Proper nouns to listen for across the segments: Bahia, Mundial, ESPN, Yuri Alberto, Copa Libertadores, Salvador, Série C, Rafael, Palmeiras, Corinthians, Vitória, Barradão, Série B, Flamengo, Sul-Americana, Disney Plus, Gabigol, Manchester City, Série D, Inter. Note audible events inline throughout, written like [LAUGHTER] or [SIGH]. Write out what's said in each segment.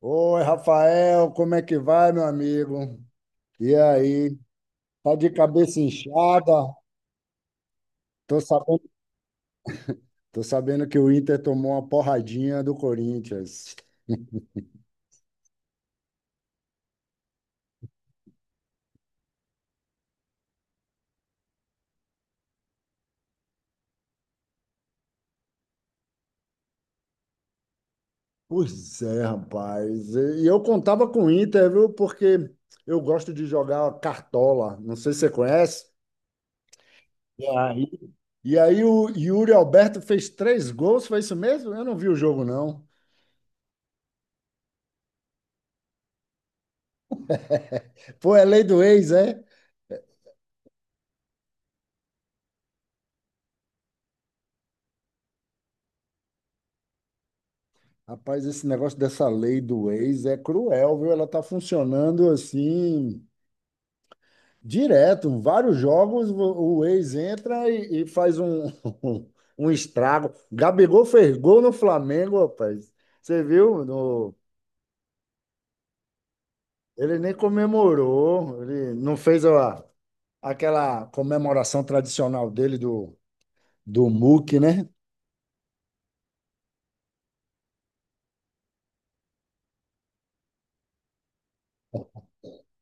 Oi, Rafael, como é que vai, meu amigo? E aí? Tá de cabeça inchada? Tô sabendo, tô sabendo que o Inter tomou uma porradinha do Corinthians. Pois é, rapaz. E eu contava com o Inter, viu? Porque eu gosto de jogar cartola. Não sei se você conhece. E aí, e aí o Yuri Alberto fez três gols, foi isso mesmo? Eu não vi o jogo, não. Pô, é lei do ex, é? Rapaz, esse negócio dessa lei do ex é cruel, viu? Ela tá funcionando assim, direto. Vários jogos, o ex entra e faz um, [LAUGHS] um estrago. Gabigol fez gol no Flamengo, rapaz. Você viu? Ele nem comemorou, ele não fez a, aquela comemoração tradicional dele do MUC, né?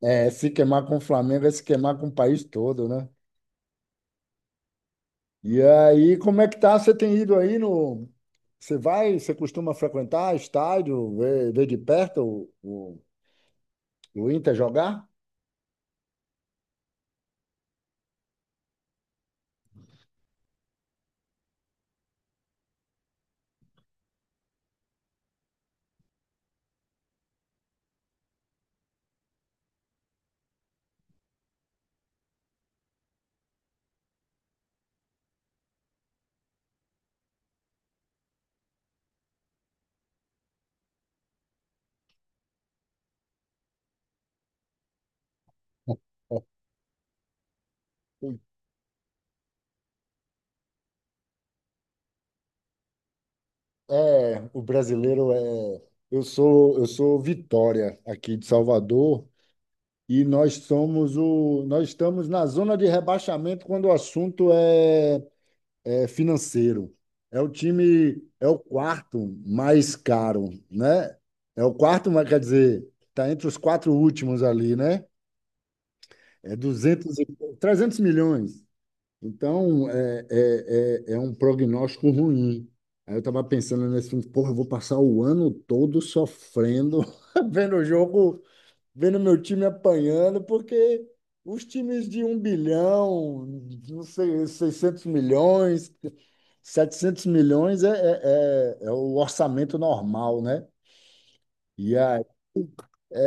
É, se queimar com o Flamengo é se queimar com o país todo, né? E aí, como é que tá? Você tem ido aí no. Você vai, você costuma frequentar estádio, ver, ver de perto o Inter jogar? É, o brasileiro é. Eu sou Vitória aqui de Salvador e nós somos nós estamos na zona de rebaixamento quando o assunto é, é financeiro. É o time, é o quarto mais caro, né? É o quarto, mas quer dizer, está entre os quatro últimos ali, né? É duzentos, 300 milhões. Então, é um prognóstico ruim. Aí eu estava pensando nesse filme, porra, eu vou passar o ano todo sofrendo, [LAUGHS] vendo o jogo, vendo meu time apanhando, porque os times de um bilhão, não sei, 600 milhões, 700 milhões é o orçamento normal, né? E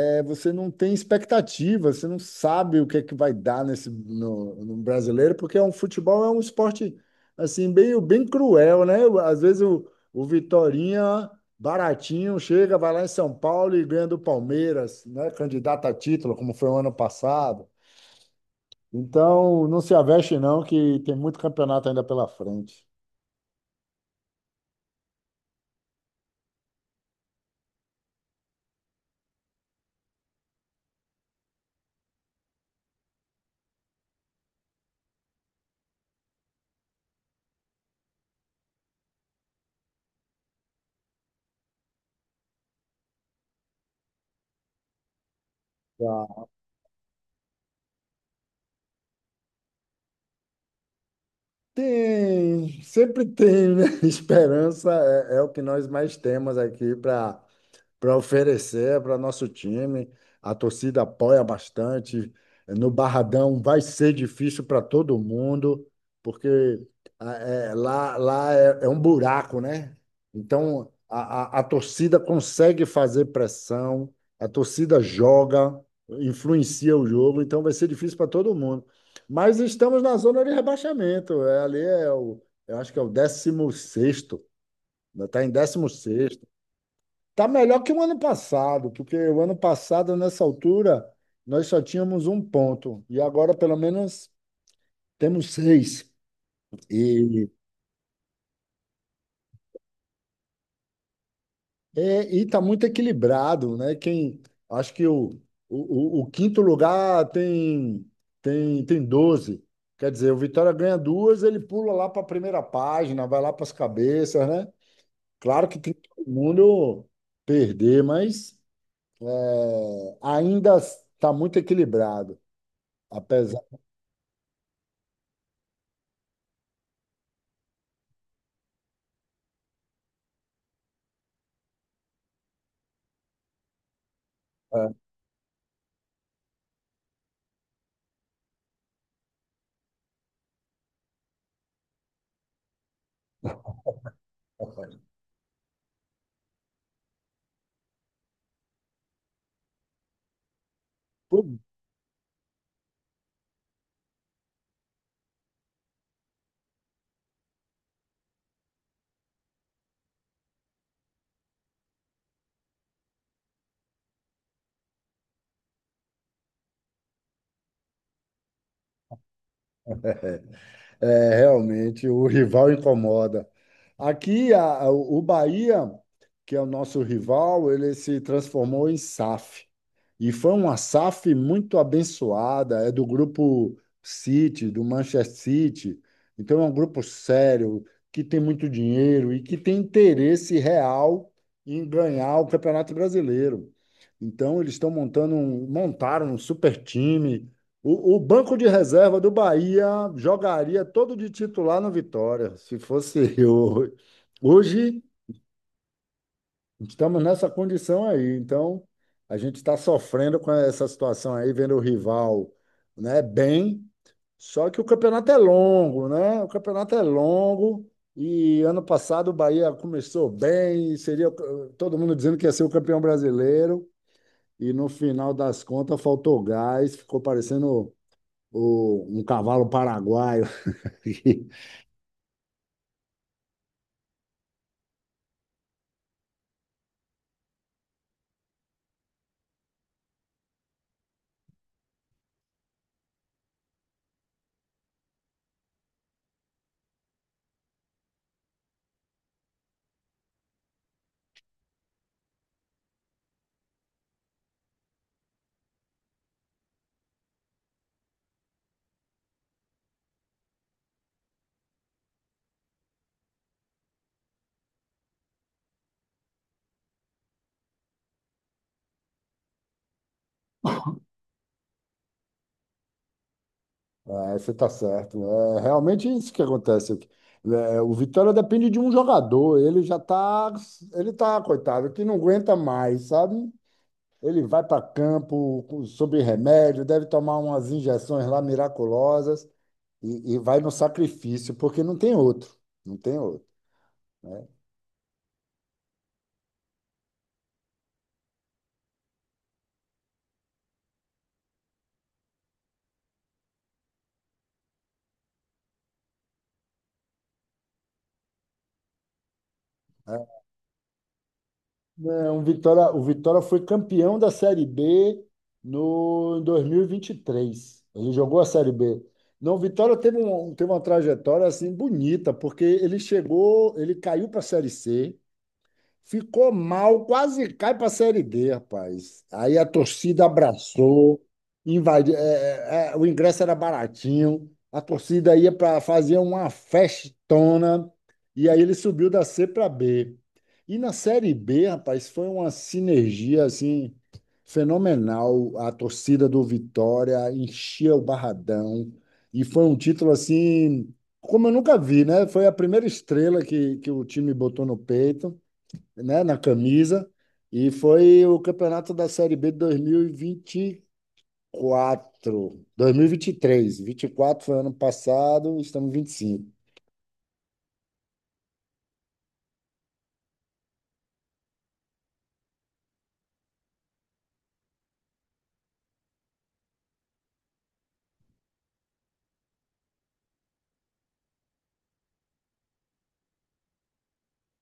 é, você não tem expectativa, você não sabe o que é que vai dar nesse no brasileiro, porque é um futebol é um esporte assim bem cruel, né? Às vezes o Vitorinha baratinho chega, vai lá em São Paulo e ganha do Palmeiras, né? Candidato a título, como foi o ano passado. Então, não se aveste não, que tem muito campeonato ainda pela frente. Tá. Tem, sempre tem, né? [LAUGHS] Esperança é, é o que nós mais temos aqui para oferecer para nosso time. A torcida apoia bastante. No Barradão vai ser difícil para todo mundo, porque é, lá é, é um buraco, né? Então a torcida consegue fazer pressão, a torcida joga, influencia o jogo, então vai ser difícil para todo mundo. Mas estamos na zona de rebaixamento. É, ali é o, eu acho que é o décimo sexto, está em décimo sexto. Tá melhor que o ano passado, porque o ano passado, nessa altura, nós só tínhamos um ponto. E agora, pelo menos, temos seis. E é, e tá muito equilibrado, né? Quem, acho que o quinto lugar tem, tem doze. Quer dizer, o Vitória ganha duas, ele pula lá para a primeira página, vai lá para as cabeças, né? Claro que tem todo mundo perder, mas é, ainda está muito equilibrado, apesar. é, É, realmente, o rival incomoda. Aqui, o Bahia, que é o nosso rival, ele se transformou em SAF. E foi uma SAF muito abençoada, é do grupo City, do Manchester City. Então é um grupo sério, que tem muito dinheiro e que tem interesse real em ganhar o Campeonato Brasileiro. Então eles estão montando um, montaram um super time. O banco de reserva do Bahia jogaria todo de titular no Vitória, se fosse [LAUGHS] eu. Hoje estamos nessa condição aí. Então, a gente está sofrendo com essa situação aí, vendo o rival, né, bem. Só que o campeonato é longo, né? O campeonato é longo. E ano passado o Bahia começou bem, seria todo mundo dizendo que ia ser o campeão brasileiro. E no final das contas faltou gás, ficou parecendo um cavalo paraguaio. [LAUGHS] É, você está certo, né? É realmente isso que acontece. É, é, o Vitória depende de um jogador. Ele já está, ele tá, coitado, que não aguenta mais, sabe? Ele vai para campo com- sob remédio, deve tomar umas injeções lá miraculosas e vai no sacrifício, porque não tem outro. Não tem outro. Não, o Vitória foi campeão da Série B no, em 2023. Ele jogou a Série B. Não, o Vitória teve, um, teve uma trajetória assim bonita, porque ele chegou, ele caiu para a Série C. Ficou mal, quase cai para a Série D, rapaz. Aí a torcida abraçou, invadiu, é, o ingresso era baratinho, a torcida ia para fazer uma festona, e aí ele subiu da C para B. E na Série B, rapaz, foi uma sinergia assim fenomenal. A torcida do Vitória enchia o Barradão e foi um título assim como eu nunca vi, né? Foi a primeira estrela que o time botou no peito, né, na camisa. E foi o campeonato da Série B de 2024. 2023. 24 foi ano passado, estamos em 25.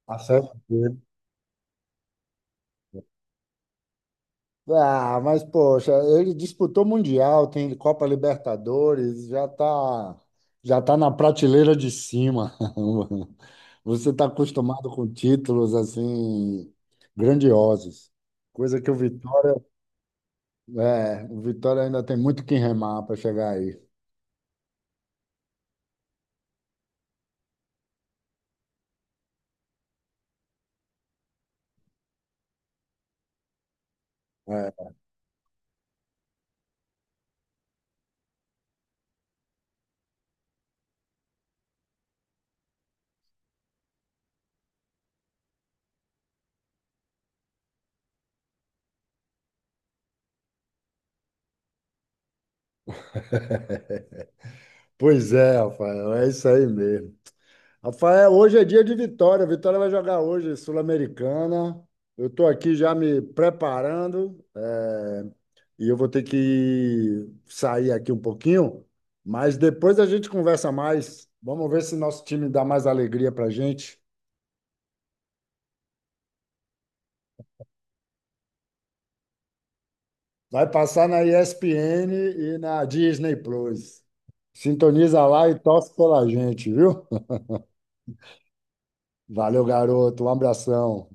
A Série B. Ah, mas poxa, ele disputou Mundial, tem Copa Libertadores, já tá na prateleira de cima. [LAUGHS] Você está acostumado com títulos assim grandiosos, coisa que o Vitória, é, o Vitória ainda tem muito que remar para chegar aí. É. Pois é, Rafael, é isso aí mesmo. Rafael, hoje é dia de Vitória. Vitória vai jogar hoje, Sul-Americana. Eu estou aqui já me preparando, é, e eu vou ter que sair aqui um pouquinho, mas depois a gente conversa mais. Vamos ver se nosso time dá mais alegria para gente. Vai passar na ESPN e na Disney Plus. Sintoniza lá e torce pela gente, viu? Valeu, garoto. Um abração.